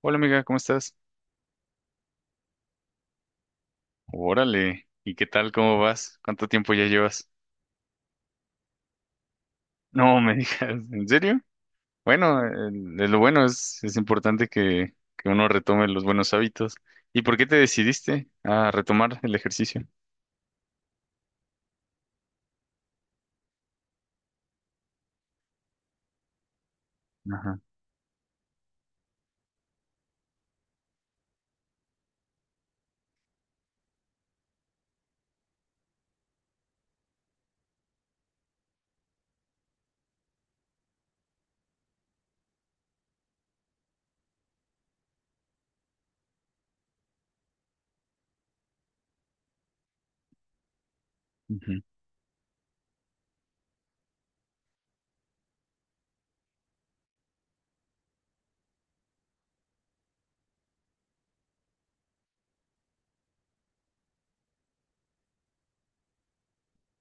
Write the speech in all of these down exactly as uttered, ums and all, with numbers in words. Hola amiga, ¿cómo estás? Órale, ¿y qué tal? ¿Cómo vas? ¿Cuánto tiempo ya llevas? No me digas, ¿en serio? Bueno, el- el- lo bueno es, es importante que, que uno retome los buenos hábitos. ¿Y por qué te decidiste a retomar el ejercicio? Ajá, ujú.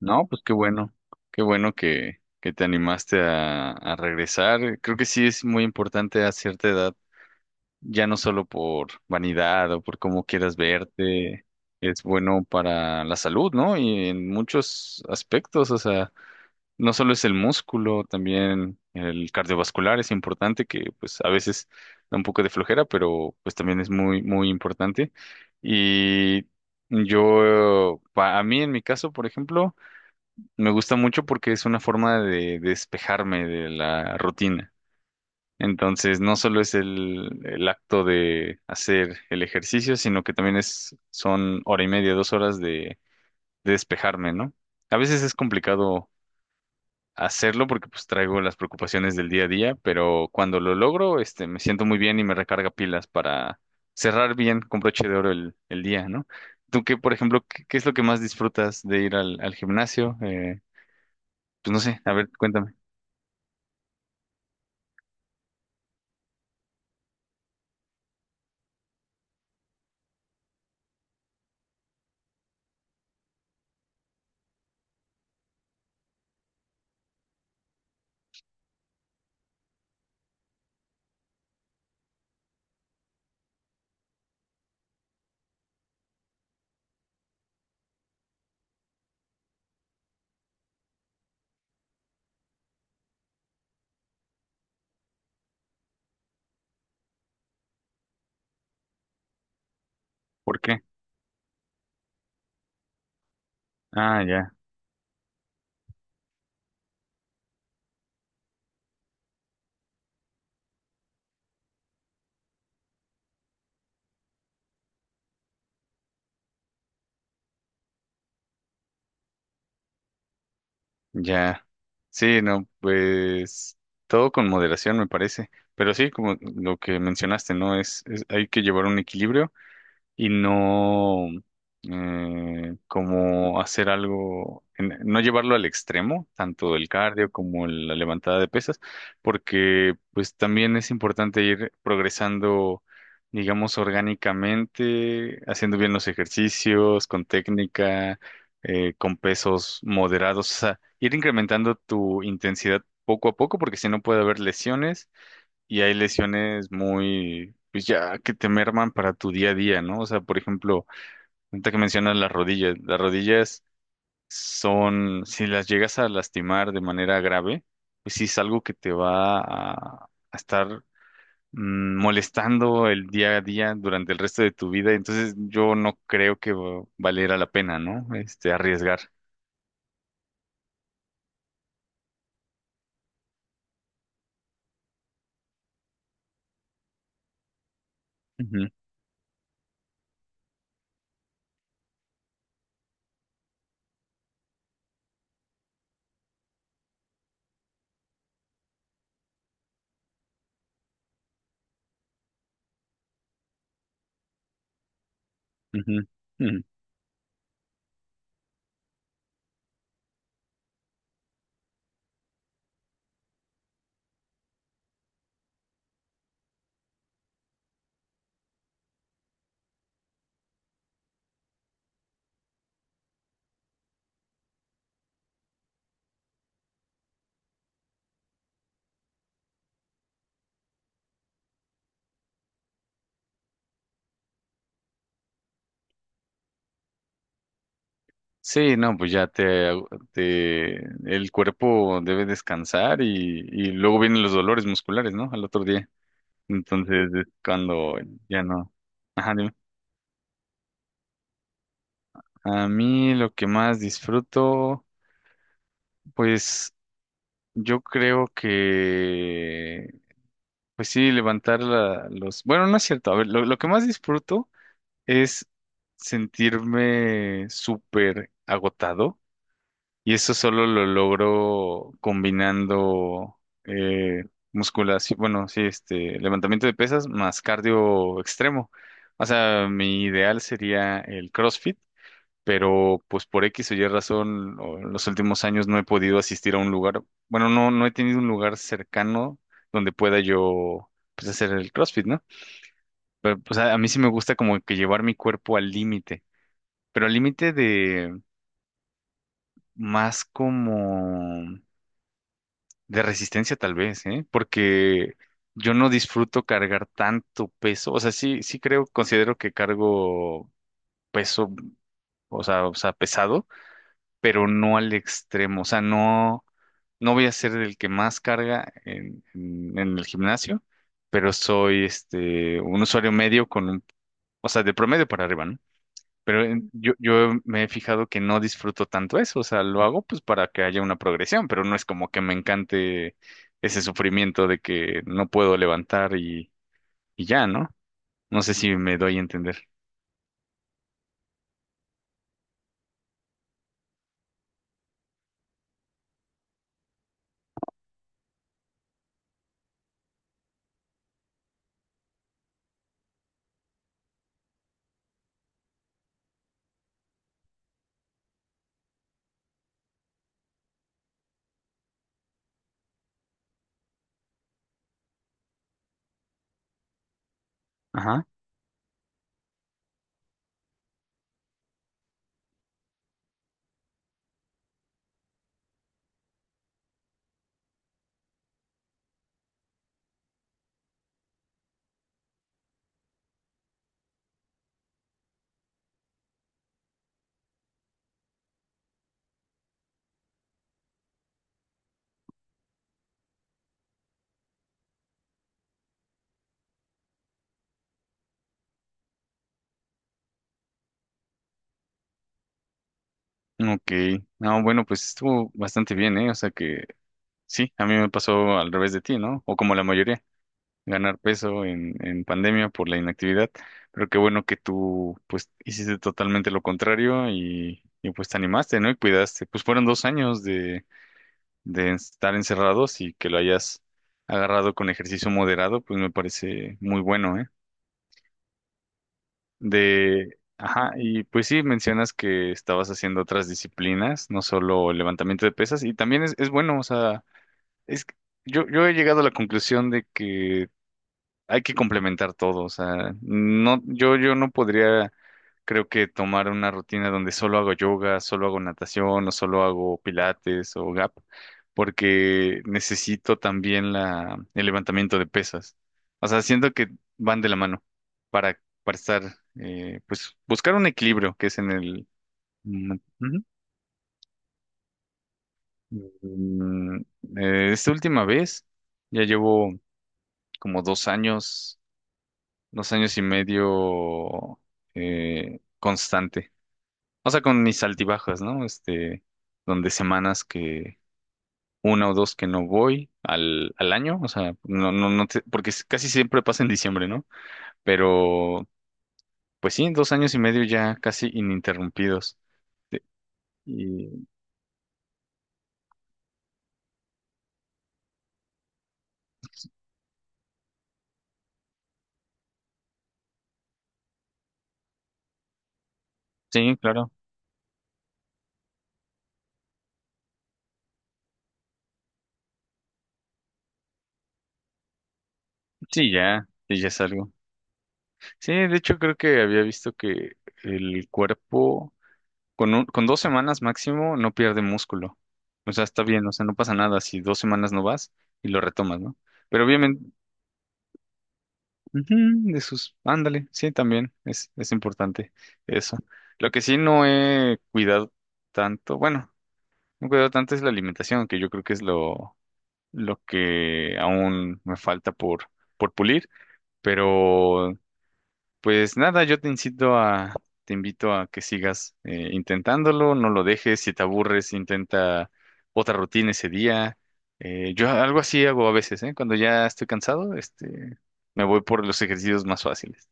No, pues qué bueno, qué bueno que, que te animaste a, a regresar. Creo que sí es muy importante a cierta edad ya no solo por vanidad o por cómo quieras verte, es bueno para la salud, ¿no? Y en muchos aspectos, o sea, no solo es el músculo, también el cardiovascular es importante, que pues a veces da un poco de flojera, pero pues también es muy, muy importante. Y yo, pa- a mí en mi caso, por ejemplo, me gusta mucho porque es una forma de despejarme de la rutina. Entonces, no solo es el, el acto de hacer el ejercicio, sino que también es, son hora y media, dos horas de, de despejarme, ¿no? A veces es complicado hacerlo porque pues traigo las preocupaciones del día a día, pero cuando lo logro, este, me siento muy bien y me recarga pilas para cerrar bien con broche de oro el, el día, ¿no? ¿Tú qué, por ejemplo, qué, qué es lo que más disfrutas de ir al, al gimnasio? Eh, pues no sé, a ver, cuéntame, ¿por qué? Ah, ya. Ya, sí, no, pues todo con moderación me parece, pero sí, como lo que mencionaste, ¿no? Es, es- hay que llevar un equilibrio y no eh, como hacer algo, en- no llevarlo al extremo, tanto el cardio como el- la levantada de pesas, porque pues también es importante ir progresando, digamos, orgánicamente, haciendo bien los ejercicios, con técnica, eh, con pesos moderados, o sea, ir incrementando tu intensidad poco a poco, porque si no puede haber lesiones y hay lesiones muy, pues ya que te merman para tu día a día, ¿no? O sea, por ejemplo, ahorita que mencionas las rodillas, las rodillas son, si las llegas a lastimar de manera grave, pues sí es algo que te va a, a estar mm, molestando el día a día durante el resto de tu vida. Entonces yo no creo que va- valiera la pena, ¿no? Este, arriesgar. Ujú, ujú, ujú. Sí, no, pues ya te, agu- te- el cuerpo debe descansar y, y luego vienen los dolores musculares, ¿no? Al otro día. Entonces es cuando ya no. Ajá, dime. A mí lo que más disfruto, pues yo creo que, pues sí, levantar la- los... Bueno, no es cierto. A ver, lo, lo que más disfruto es sentirme súper agotado. Y eso solo lo logro combinando eh, musculación, bueno, sí, este, levantamiento de pesas más cardio extremo. O sea, mi ideal sería el CrossFit, pero pues por X o Y razón, o en los últimos años no he podido asistir a un lugar, bueno, no, no he tenido un lugar cercano donde pueda yo pues hacer el CrossFit, ¿no? Pero pues a, a mí sí me gusta como que llevar mi cuerpo al límite, pero al límite de más como de resistencia tal vez, ¿eh? Porque yo no disfruto cargar tanto peso. O sea, sí, sí creo, considero que cargo peso, o sea, o sea, pesado, pero no al extremo. O sea, no, no voy a ser el que más carga en, en- en el gimnasio, pero soy este un usuario medio con un, o sea, de promedio para arriba, ¿no? Pero en- yo, yo me he fijado que no disfruto tanto eso, o sea, lo hago pues para que haya una progresión, pero no es como que me encante ese sufrimiento de que no puedo levantar y, y ya, ¿no? No sé si me doy a entender. Ajá, ok. No, bueno, pues estuvo bastante bien, ¿eh? O sea que sí, a mí me pasó al revés de ti, ¿no? O como la mayoría. Ganar peso en, en pandemia por la inactividad, pero qué bueno que tú pues hiciste totalmente lo contrario y, y, pues te animaste, ¿no? Y cuidaste. Pues fueron dos años de, de estar encerrados y que lo hayas agarrado con ejercicio moderado, pues me parece muy bueno, ¿eh? De, ajá, y pues sí, mencionas que estabas haciendo otras disciplinas, no solo el levantamiento de pesas, y también es, es bueno, o sea, es, que yo, yo he llegado a la conclusión de que hay que complementar todo, o sea, no, yo, yo no podría, creo que tomar una rutina donde solo hago yoga, solo hago natación, o solo hago pilates o gap, porque necesito también la, el levantamiento de pesas. O sea, siento que van de la mano para, para estar, eh, pues, buscar un equilibrio que es en el... mm, ujú. Mm, eh, esta última vez ya llevo como dos años, dos años y medio eh, constante. O sea, con mis altibajas, ¿no? Este, donde semanas que una o dos que no voy al, al año, o sea, no, no, no te- porque es- casi siempre pasa en diciembre, ¿no? Pero, pues sí, dos años y medio ya casi ininterrumpidos. De- Y, sí, claro, sí, ya, sí, ya es algo. Sí, de hecho creo que había visto que el cuerpo con, un- con dos semanas máximo no pierde músculo. O sea, está bien, o sea, no pasa nada si dos semanas no vas y lo retomas, ¿no? Pero obviamente, ujú, de sus, ándale, sí, también es, es importante eso. Lo que sí no he cuidado tanto, bueno, no he cuidado tanto es la alimentación, que yo creo que es lo, lo que aún me falta por, por pulir, pero pues nada, yo te incito a, te invito a que sigas eh, intentándolo, no lo dejes, si te aburres, intenta otra rutina ese día. Eh, yo algo así hago a veces, ¿eh? Cuando ya estoy cansado, este, me voy por los ejercicios más fáciles.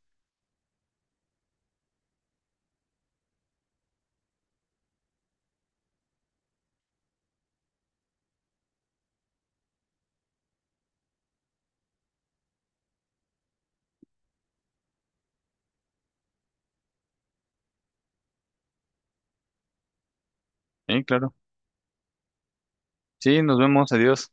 Sí, claro. Sí, nos vemos, adiós.